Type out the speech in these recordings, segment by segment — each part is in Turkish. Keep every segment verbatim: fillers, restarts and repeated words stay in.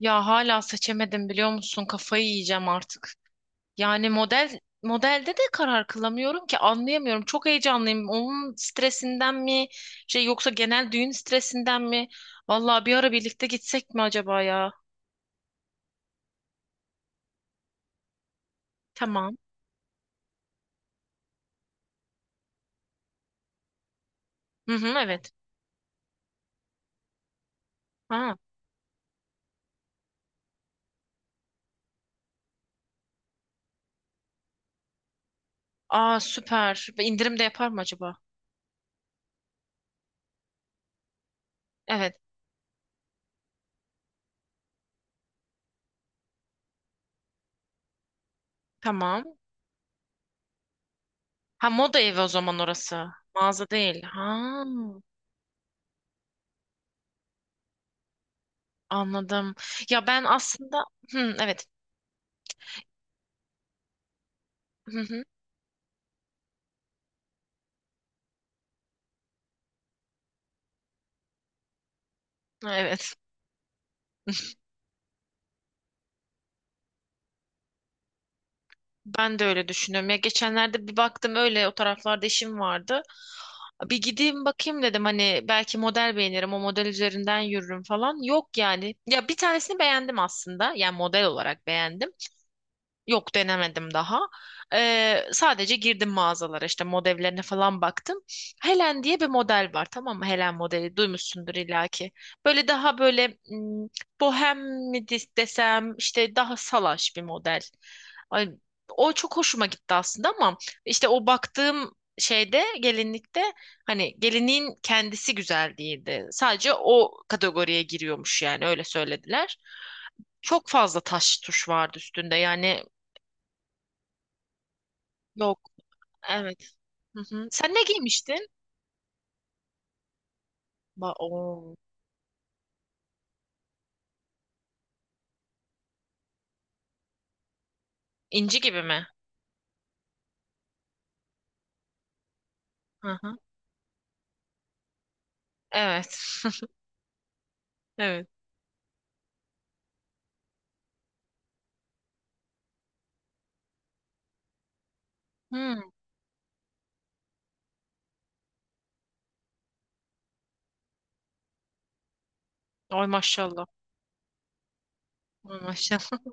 Ya hala seçemedim biliyor musun? Kafayı yiyeceğim artık. Yani model modelde de karar kılamıyorum ki anlayamıyorum. Çok heyecanlıyım. Onun stresinden mi şey yoksa genel düğün stresinden mi? Vallahi bir ara birlikte gitsek mi acaba ya? Tamam. Hı hı, evet. Ha. Aa, süper. Ve indirim de yapar mı acaba? Evet. Tamam. Ha, moda evi o zaman orası. Mağaza değil. Ha. Anladım. Ya ben aslında, hı, evet. Hı hı, evet. Ben de öyle düşünüyorum. Ya geçenlerde bir baktım, öyle o taraflarda işim vardı. Bir gideyim bakayım dedim, hani belki model beğenirim, o model üzerinden yürürüm falan. Yok yani. Ya bir tanesini beğendim aslında. Yani model olarak beğendim. Yok, denemedim daha. Ee, sadece girdim mağazalara, işte modellerine falan baktım. Helen diye bir model var, tamam mı? Helen modeli duymuşsundur illaki. Böyle, daha böyle mm, bohem mi des- desem, işte daha salaş bir model. Ay, o çok hoşuma gitti aslında ama işte o baktığım şeyde, gelinlikte, hani gelinliğin kendisi güzel değildi. Sadece o kategoriye giriyormuş, yani öyle söylediler. Çok fazla taş tuş vardı üstünde yani. Yok. Evet. Hı hı. Sen ne giymiştin? Ba Oo. İnci gibi mi? Hı hı. Evet. Evet. Hmm. Ay maşallah. Ay maşallah.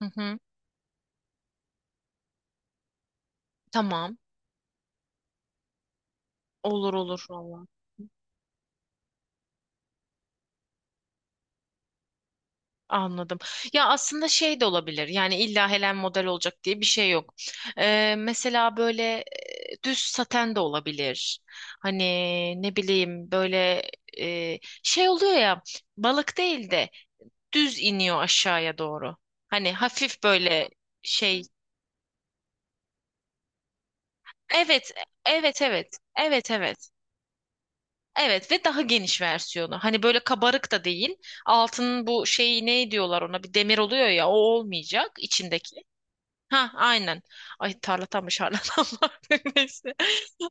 Hı hı. Tamam. Olur olur valla. Anladım. Ya aslında şey de olabilir. Yani illa Helen model olacak diye bir şey yok. Ee, mesela böyle, e, düz saten de olabilir. Hani ne bileyim, böyle e, şey oluyor ya, balık değil de düz iniyor aşağıya doğru. Hani hafif böyle şey. Evet, evet, evet. Evet, evet. Evet, ve daha geniş versiyonu. Hani böyle kabarık da değil. Altının bu şeyi, ne diyorlar ona? Bir demir oluyor ya, o olmayacak içindeki. Ha, aynen. Ay, tarlatan mı şarlatan mı artık? Neyse.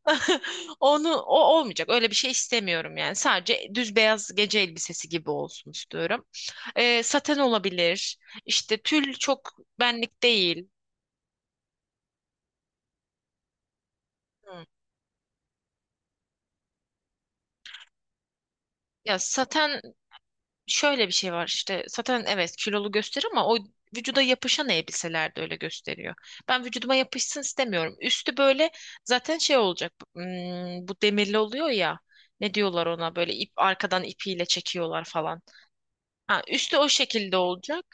Onu, o olmayacak. Öyle bir şey istemiyorum yani. Sadece düz beyaz gece elbisesi gibi olsun istiyorum. Ee, saten olabilir. İşte tül çok benlik değil. Hı. Ya saten, şöyle bir şey var, işte saten, evet, kilolu gösteriyor ama o vücuda yapışan elbiseler de öyle gösteriyor. Ben vücuduma yapışsın istemiyorum. Üstü böyle zaten şey olacak, hmm, bu demirli oluyor ya, ne diyorlar ona, böyle ip, arkadan ipiyle çekiyorlar falan. Ha, üstü o şekilde olacak.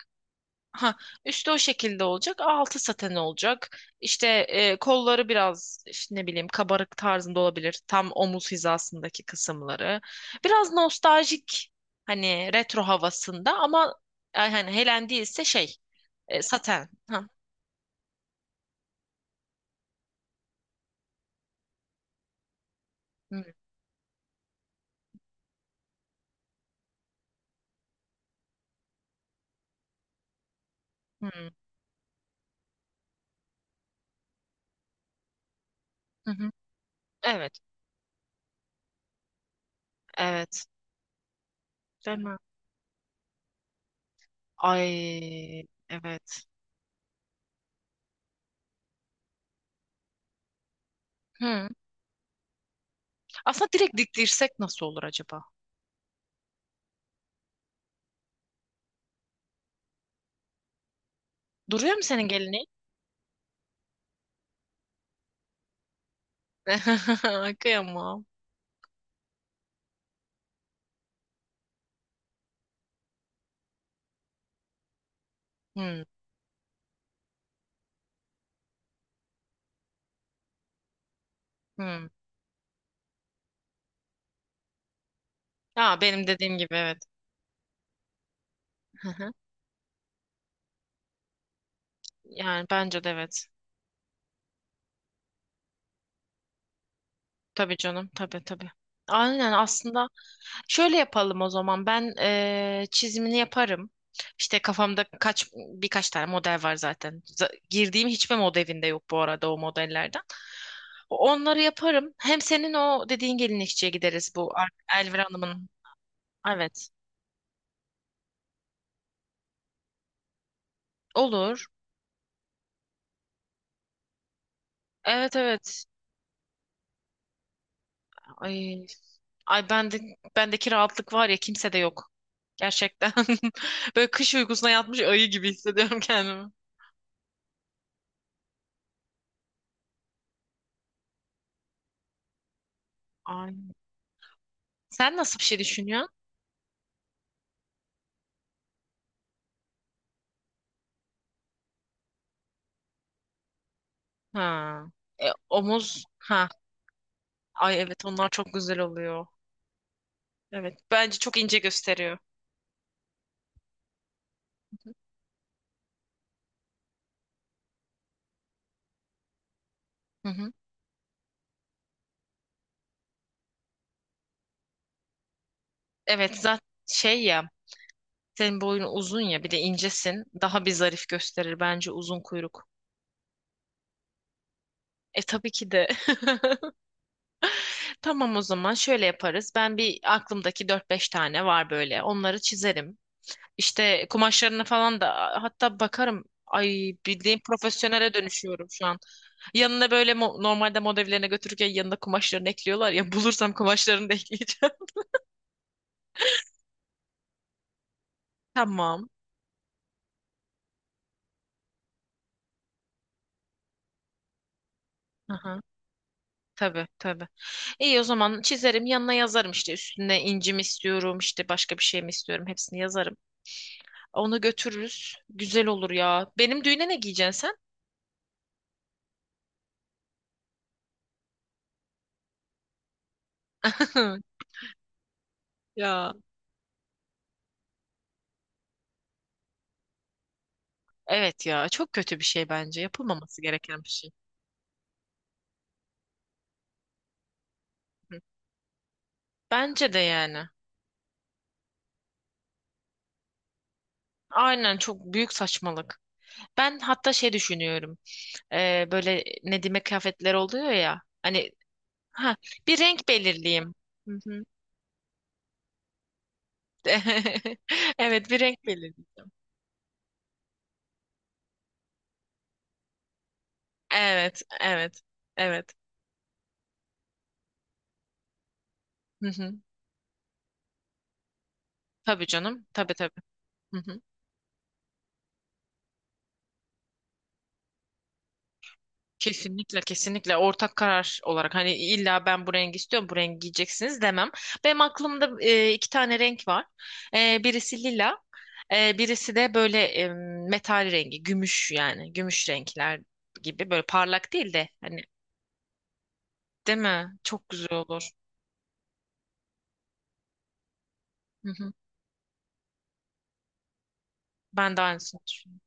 Ha, üstü o şekilde olacak, altı saten olacak. İşte e, kolları biraz işte ne bileyim kabarık tarzında olabilir. Tam omuz hizasındaki kısımları. Biraz nostaljik, hani retro havasında ama e, hani helen değilse şey, e, saten. Ha. Hı, hı, hı hı. Evet, evet. Değil mi? Ay, evet. Hı. Aslında direkt diktirsek nasıl olur acaba? Duruyor mu senin gelinin? Kıyamam. Hı, hı. Ha, benim dediğim gibi, evet. Hı hı. Yani bence de evet. Tabii canım, tabii tabii. Aynen. Aslında şöyle yapalım o zaman. Ben eee, çizimini yaparım. İşte kafamda kaç birkaç tane model var zaten. Z- girdiğim hiçbir modelinde yok bu arada, o modellerden. Onları yaparım. Hem senin o dediğin gelinlikçiye gideriz, bu Ar- Elvira Hanım'ın. Evet. Olur. Evet, evet. Ay, ay, bende bendeki rahatlık var ya, kimse de yok. Gerçekten. Böyle kış uykusuna yatmış ayı gibi hissediyorum kendimi. Ay. Sen nasıl bir şey düşünüyorsun? Ha. E, omuz. Ha. Ay evet, onlar çok güzel oluyor. Evet. Bence çok ince gösteriyor. Hı hı. Evet, zaten şey ya, senin boyun uzun ya, bir de incesin. Daha bir zarif gösterir bence uzun kuyruk. E, tabii ki de. Tamam, o zaman şöyle yaparız. Ben, bir, aklımdaki dört beş tane var böyle. Onları çizerim. İşte kumaşlarına falan da hatta bakarım. Ay, bildiğim profesyonele dönüşüyorum şu an. Yanına böyle mo- normalde modellerine götürürken yanına kumaşlarını ekliyorlar ya. Bulursam kumaşlarını da ekleyeceğim. Tamam. Aha. Tabii tabii. İyi, o zaman çizerim, yanına yazarım, işte üstüne inci mi istiyorum, işte başka bir şey mi istiyorum, hepsini yazarım. Onu götürürüz. Güzel olur ya. Benim düğüne ne giyeceksin sen? Ya. Evet ya, çok kötü bir şey bence. Yapılmaması gereken bir şey. Hı. Bence de yani. Aynen, çok büyük saçmalık. Ben hatta şey düşünüyorum. Ee, böyle Nedim'e kıyafetler oluyor ya. Hani, ha, bir renk belirleyeyim. Hı hı. Evet, bir renk belirleyeceğim. Evet, evet, evet. Hı hı. Tabii canım, tabii tabii. Hı hı. Kesinlikle, kesinlikle ortak karar olarak, hani illa ben bu rengi istiyorum, bu rengi giyeceksiniz demem. Benim aklımda e, iki tane renk var. E, birisi lila, e, birisi de böyle, e, metal rengi, gümüş, yani gümüş renkler gibi, böyle parlak değil de hani, değil mi? Çok güzel olur. Hı hı. Ben de aynısını düşünüyorum.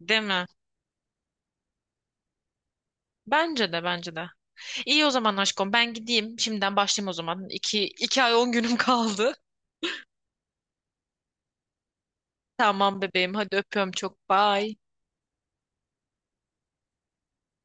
Değil mi? Bence de, bence de. İyi, o zaman aşkım, ben gideyim. Şimdiden başlayayım o zaman. İki, iki ay on günüm kaldı. Tamam bebeğim, hadi öpüyorum çok. Bye.